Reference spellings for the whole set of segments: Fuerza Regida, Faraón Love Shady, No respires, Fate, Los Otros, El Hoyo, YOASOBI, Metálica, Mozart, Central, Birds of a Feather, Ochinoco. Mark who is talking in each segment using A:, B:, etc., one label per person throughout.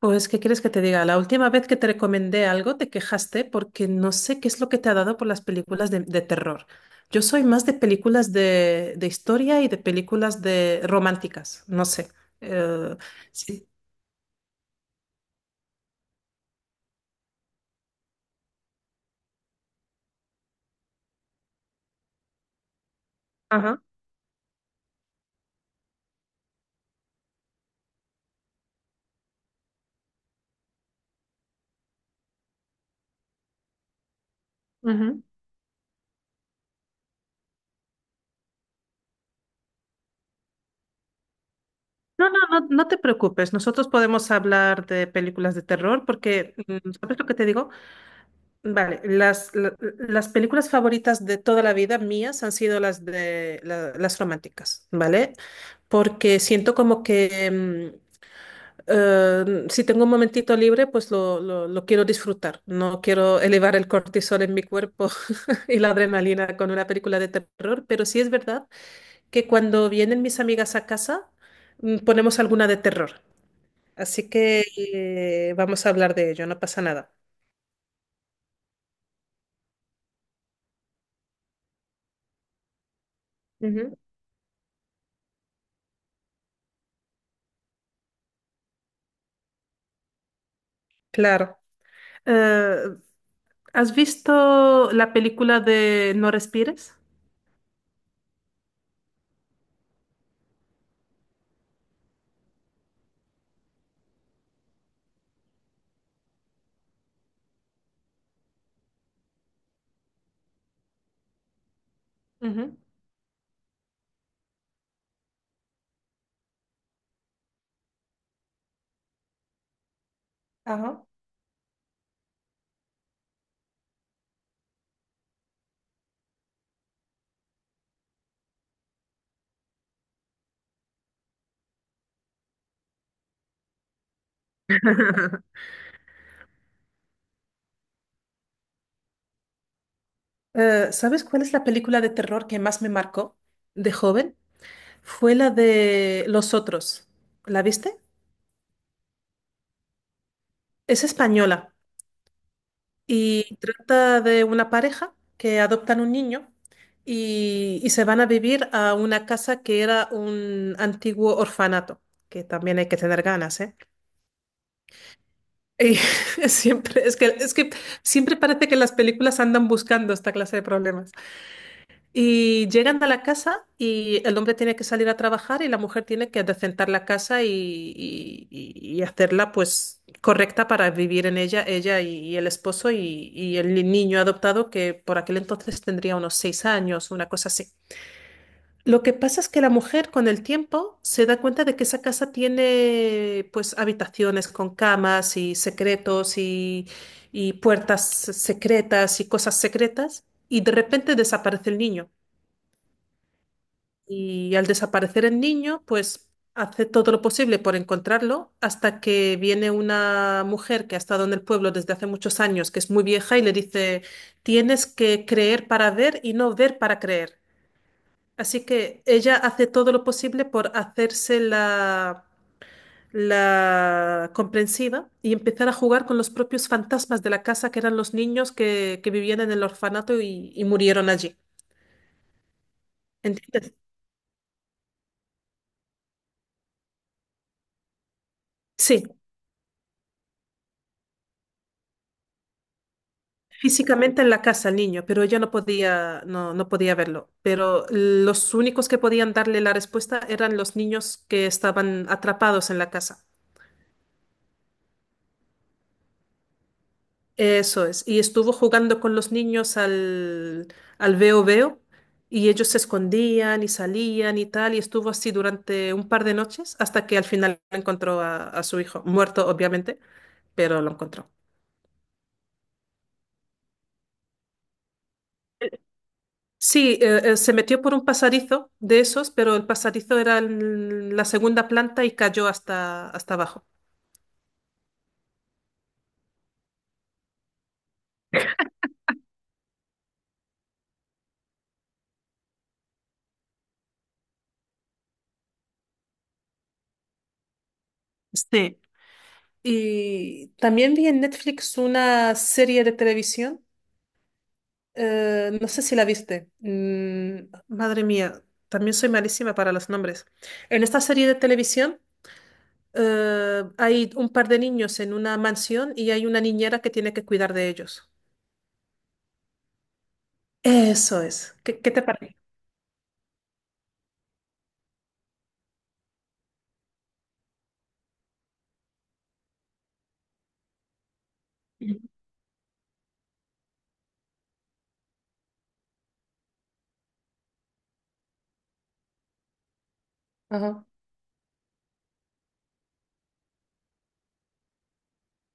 A: Pues, ¿qué quieres que te diga? La última vez que te recomendé algo, te quejaste porque no sé qué es lo que te ha dado por las películas de terror. Yo soy más de películas de historia y de películas de románticas, no sé. Eh, sí. Ajá. ujú. No, no, no, no te preocupes. Nosotros podemos hablar de películas de terror porque, mm, ¿sabes lo que te digo? Vale, las películas favoritas de toda la vida mías han sido las de las románticas, ¿vale? Porque siento como que si tengo un momentito libre, pues lo quiero disfrutar. No quiero elevar el cortisol en mi cuerpo y la adrenalina con una película de terror, pero sí es verdad que cuando vienen mis amigas a casa, ponemos alguna de terror. Así que vamos a hablar de ello, no pasa nada. Ujú. Claro. Eh, ¿Has visto la película de No respires? Ujú, Ajá. ¿Sabes cuál es la película de terror que más me marcó de joven? Fue la de Los Otros. ¿La viste? Es española y trata de una pareja que adoptan un niño y se van a vivir a una casa que era un antiguo orfanato, que también hay que tener ganas, ¿eh? Y siempre, es que siempre parece que las películas andan buscando esta clase de problemas. Y llegan a la casa y el hombre tiene que salir a trabajar y la mujer tiene que adecentar la casa y, y hacerla pues correcta para vivir en ella, ella y el esposo y el niño adoptado que por aquel entonces tendría unos 6 años, una cosa así. Lo que pasa es que la mujer con el tiempo se da cuenta de que esa casa tiene pues habitaciones con camas y secretos y puertas secretas y cosas secretas y de repente desaparece el niño. Y al desaparecer el niño pues hace todo lo posible por encontrarlo hasta que viene una mujer que ha estado en el pueblo desde hace muchos años, que es muy vieja y le dice, tienes que creer para ver y no ver para creer. Así que ella hace todo lo posible por hacerse la comprensiva y empezar a jugar con los propios fantasmas de la casa, que eran los niños que vivían en el orfanato y murieron allí. ¿Entiendes? Sí, físicamente en la casa el niño, pero ella no podía, no, no podía verlo. Pero los únicos que podían darle la respuesta eran los niños que estaban atrapados en la casa. Eso es. Y estuvo jugando con los niños al veo veo y ellos se escondían y salían y tal y estuvo así durante un par de noches hasta que al final encontró a su hijo, muerto obviamente, pero lo encontró. Sí, se metió por un pasadizo de esos, pero el pasadizo era en la segunda planta y cayó hasta, hasta abajo. Sí. Y también vi en Netflix una serie de televisión. No sé si la viste. Mm, madre mía, también soy malísima para los nombres. En esta serie de televisión hay un par de niños en una mansión y hay una niñera que tiene que cuidar de ellos. Eso es. ¿Qué, qué te parece? Ujú. Ajá.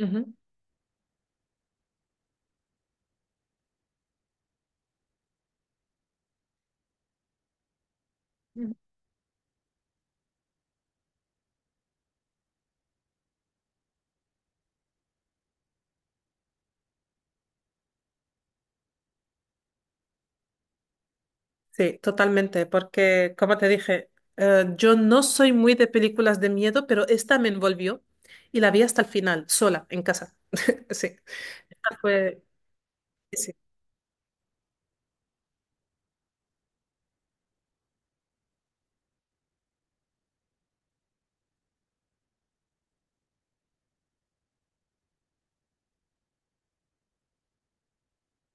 A: Ujú. Ujú. Sí, totalmente, porque como te dije, yo no soy muy de películas de miedo, pero esta me envolvió y la vi hasta el final, sola, en casa. Sí. Esta fue... sí.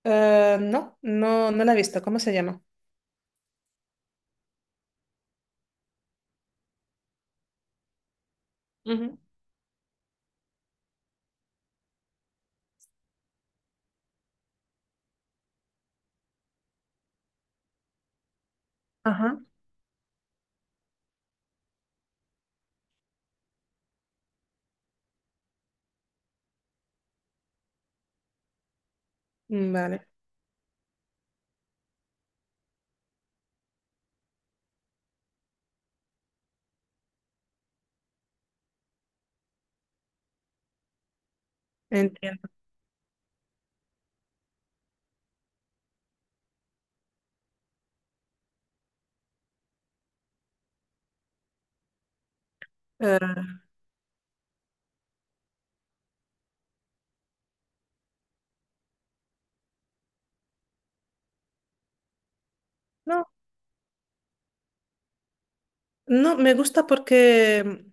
A: No, no, no la he visto. ¿Cómo se llama? Ujú. Ajá, mm, vale, entiendo. Eh, no, no, me gusta porque,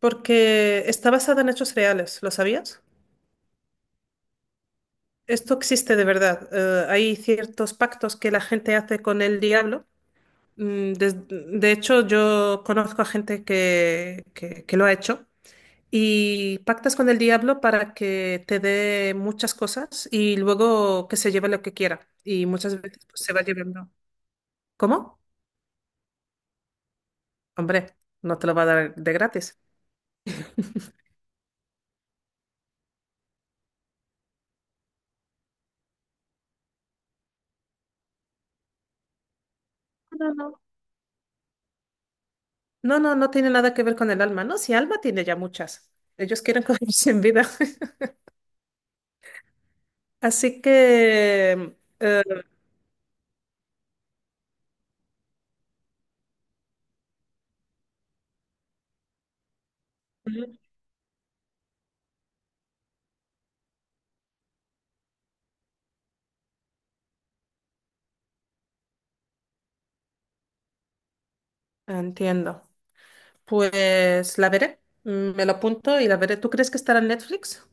A: porque está basada en hechos reales, ¿lo sabías? Esto existe de verdad. Hay ciertos pactos que la gente hace con el diablo. Mm, de hecho, yo conozco a gente que lo ha hecho. Y pactas con el diablo para que te dé muchas cosas y luego que se lleve lo que quiera. Y muchas veces pues, se va llevando. ¿Cómo? Hombre, no te lo va a dar de gratis. No, no, no. No, no, no tiene nada que ver con el alma, ¿no? Si alma tiene ya muchas. Ellos quieren cogerse en vida. Así que... entiendo. Pues la veré. Mm, me lo apunto y la veré. ¿Tú crees que estará en Netflix?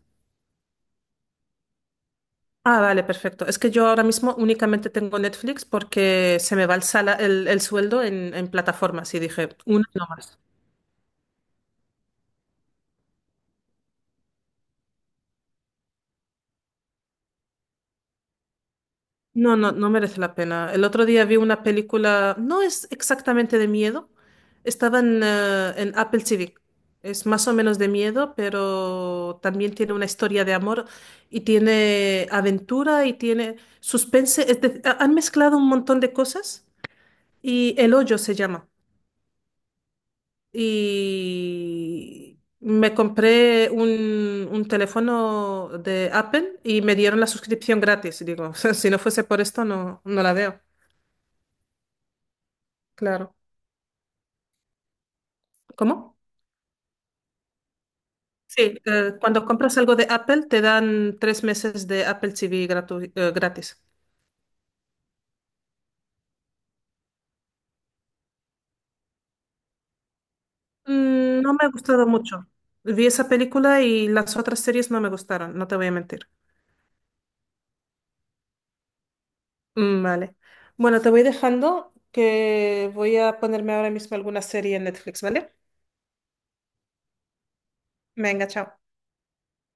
A: Ah, vale, perfecto. Es que yo ahora mismo únicamente tengo Netflix porque se me va el sueldo en plataformas y dije, una no más. No, no, no merece la pena. El otro día vi una película, no es exactamente de miedo, estaba en Apple TV. Es más o menos de miedo, pero también tiene una historia de amor y tiene aventura y tiene suspense. Es han mezclado un montón de cosas y El Hoyo se llama. Y me compré un teléfono de Apple y me dieron la suscripción gratis. Y digo, si no fuese por esto, no, no la veo. Claro. ¿Cómo? Sí, cuando compras algo de Apple te dan 3 meses de Apple TV gratis. Mm, no me ha gustado mucho. Vi esa película y las otras series no me gustaron, no te voy a mentir. Mm, vale. Bueno, te voy dejando que voy a ponerme ahora mismo alguna serie en Netflix, ¿vale? Venga, chao.